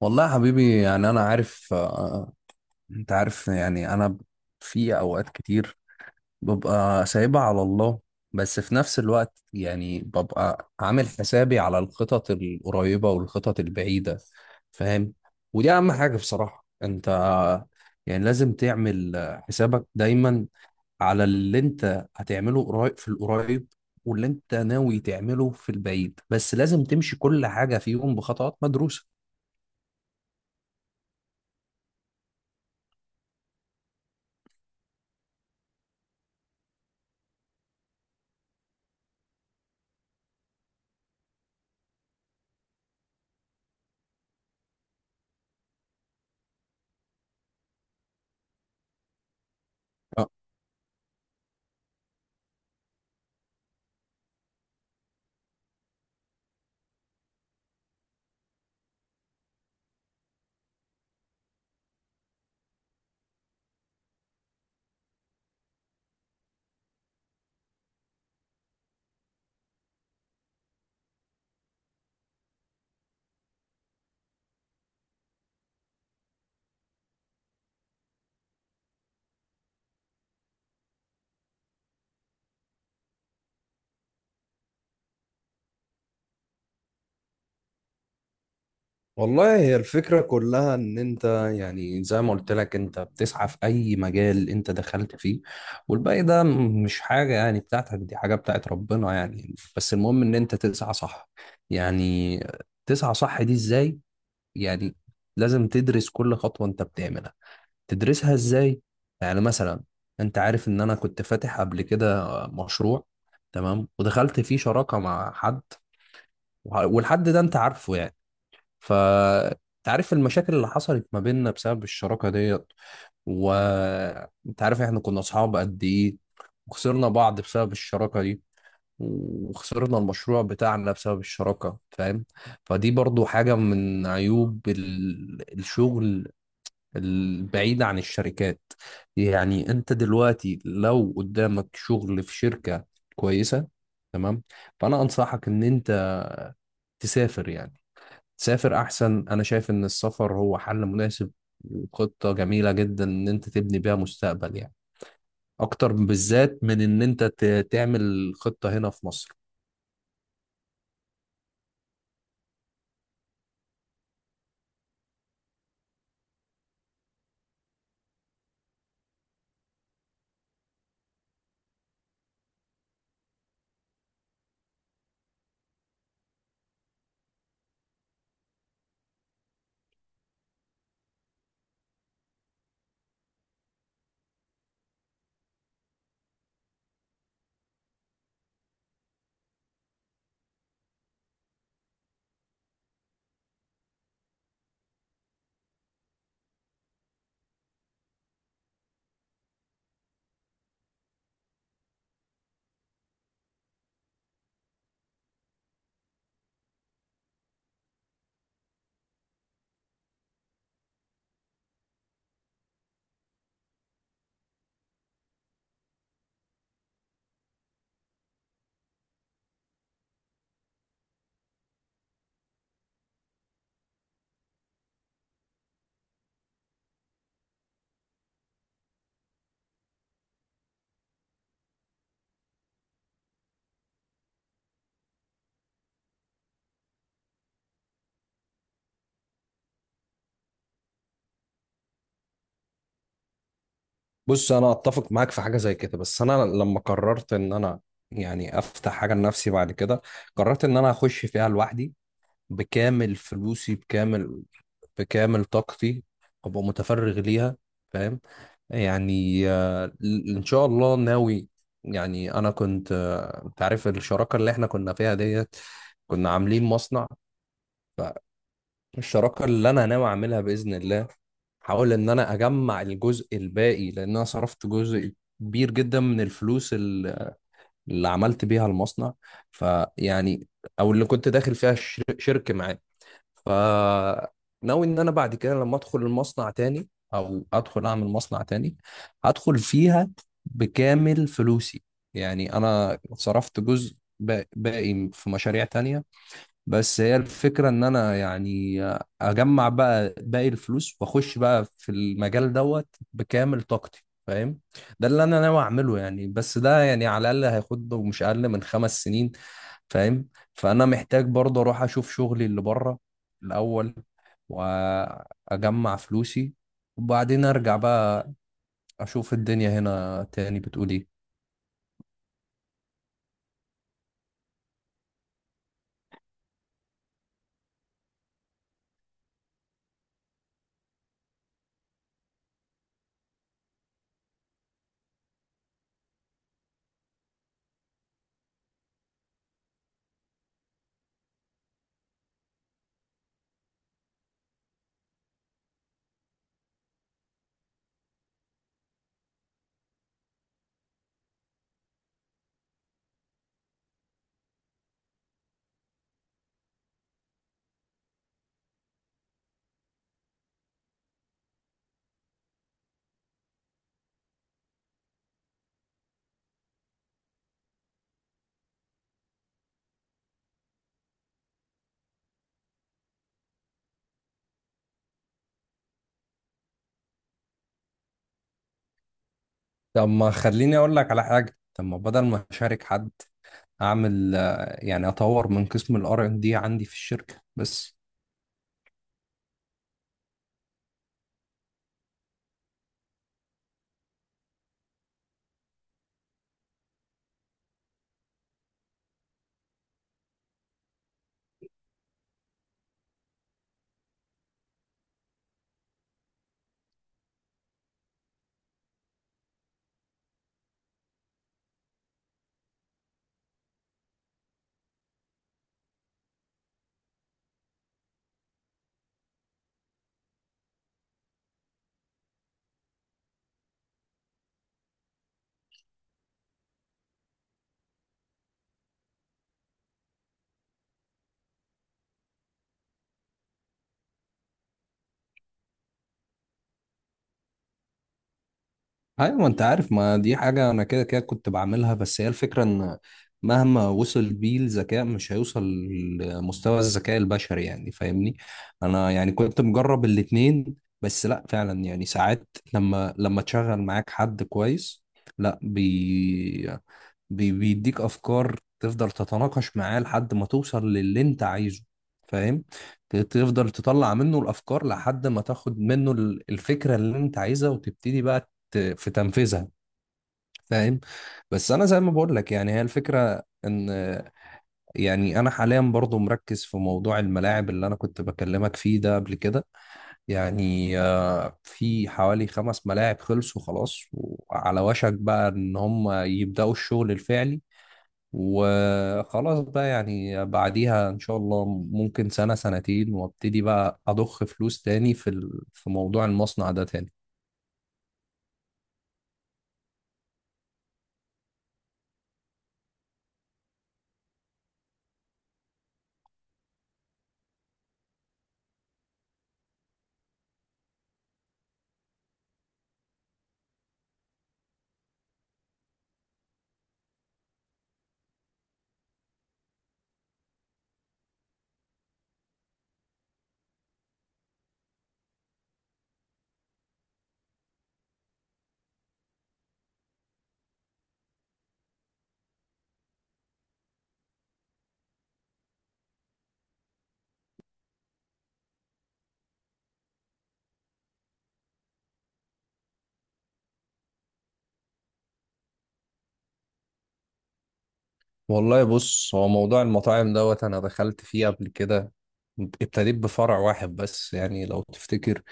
والله يا حبيبي، يعني انا عارف انت عارف. يعني انا في اوقات كتير ببقى سايبها على الله، بس في نفس الوقت يعني ببقى عامل حسابي على الخطط القريبة والخطط البعيدة، فاهم. ودي اهم حاجة بصراحة، انت يعني لازم تعمل حسابك دايما على اللي انت هتعمله قريب في القريب، واللي انت ناوي تعمله في البعيد، بس لازم تمشي كل حاجة فيهم بخطوات مدروسة. والله، هي الفكرة كلها إن أنت، يعني زي ما قلت لك، أنت بتسعى في أي مجال أنت دخلت فيه، والباقي ده مش حاجة يعني بتاعتك، دي حاجة بتاعت ربنا يعني. بس المهم إن أنت تسعى صح. يعني تسعى صح دي إزاي؟ يعني لازم تدرس كل خطوة أنت بتعملها. تدرسها إزاي؟ يعني مثلا، أنت عارف إن أنا كنت فاتح قبل كده مشروع، تمام، ودخلت فيه شراكة مع حد، والحد ده أنت عارفه يعني. فانت عارف المشاكل اللي حصلت ما بيننا بسبب الشراكة ديت، وانت عارف احنا كنا اصحاب قد ايه، وخسرنا بعض بسبب الشراكة دي، وخسرنا المشروع بتاعنا بسبب الشراكة، فاهم. فدي برضو حاجة من عيوب الشغل البعيد عن الشركات. يعني انت دلوقتي لو قدامك شغل في شركة كويسة، تمام، فانا انصحك ان انت تسافر. يعني تسافر احسن. انا شايف ان السفر هو حل مناسب وخطة جميلة جدا ان انت تبني بيها مستقبل، يعني اكتر بالذات من ان انت تعمل خطة هنا في مصر. بص، انا اتفق معاك في حاجة زي كده، بس انا لما قررت ان انا يعني افتح حاجة لنفسي، بعد كده قررت ان انا اخش فيها لوحدي، بكامل فلوسي، بكامل طاقتي، ابقى متفرغ ليها، فاهم. يعني ان شاء الله ناوي. يعني انا كنت، انت عارف الشراكه اللي احنا كنا فيها ديت، كنا عاملين مصنع. فالشراكه اللي انا ناوي اعملها باذن الله، هحاول ان انا اجمع الجزء الباقي، لان انا صرفت جزء كبير جدا من الفلوس اللي عملت بيها المصنع، فيعني او اللي كنت داخل فيها شرك معاه. فناوي ان انا بعد كده لما ادخل المصنع تاني، او ادخل اعمل مصنع تاني، هدخل فيها بكامل فلوسي. يعني انا صرفت جزء باقي في مشاريع تانية. بس هي الفكرة ان انا يعني اجمع بقى باقي الفلوس واخش بقى في المجال دوت بكامل طاقتي، فاهم. ده اللي انا ناوي اعمله يعني. بس ده يعني على الاقل هياخد له مش اقل من 5 سنين، فاهم. فانا محتاج برضه اروح اشوف شغلي اللي بره الاول، واجمع فلوسي، وبعدين ارجع بقى اشوف الدنيا هنا تاني بتقول ايه. طب ما خليني اقول لك على حاجة. طب ما بدل ما اشارك حد، اعمل، يعني اطور من قسم الار ان دي عندي في الشركه بس. ايوه، ما انت عارف، ما دي حاجه انا كده كده كنت بعملها. بس هي الفكره ان مهما وصل بيه الذكاء مش هيوصل لمستوى الذكاء البشري، يعني فاهمني. انا يعني كنت مجرب الاتنين. بس لا، فعلا يعني ساعات لما تشغل معاك حد كويس، لا بيديك افكار، تفضل تتناقش معاه لحد ما توصل للي انت عايزه، فاهم. تفضل تطلع منه الافكار لحد ما تاخد منه الفكره اللي انت عايزها، وتبتدي بقى في تنفيذها، فاهم. بس انا زي ما بقول لك، يعني هي الفكره ان، يعني انا حاليا برضو مركز في موضوع الملاعب اللي انا كنت بكلمك فيه ده قبل كده. يعني في حوالي 5 ملاعب خلصوا خلاص وعلى وشك بقى ان هم يبداوا الشغل الفعلي، وخلاص بقى يعني بعديها ان شاء الله ممكن سنة سنتين وابتدي بقى اضخ فلوس تاني في في موضوع المصنع ده تاني. والله بص، هو موضوع المطاعم دوت انا دخلت فيه قبل كده، ابتديت بفرع واحد بس يعني، لو تفتكر،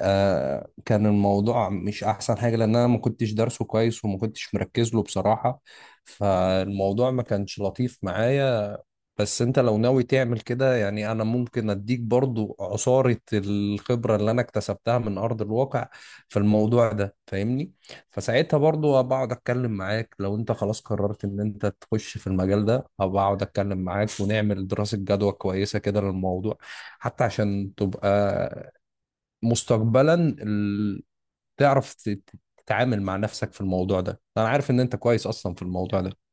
كان الموضوع مش احسن حاجة، لان انا ما كنتش دارسه كويس وما كنتش مركز له بصراحة، فالموضوع ما كانش لطيف معايا. بس انت لو ناوي تعمل كده، يعني انا ممكن اديك برضو عصارة الخبرة اللي انا اكتسبتها من ارض الواقع في الموضوع ده، فاهمني. فساعتها برضو بقعد اتكلم معاك. لو انت خلاص قررت ان انت تخش في المجال ده، هبقعد اتكلم معاك ونعمل دراسة جدوى كويسة كده للموضوع، حتى عشان تبقى مستقبلا، ال- تعرف تتعامل مع نفسك في الموضوع ده. انا عارف ان انت كويس اصلا في الموضوع ده.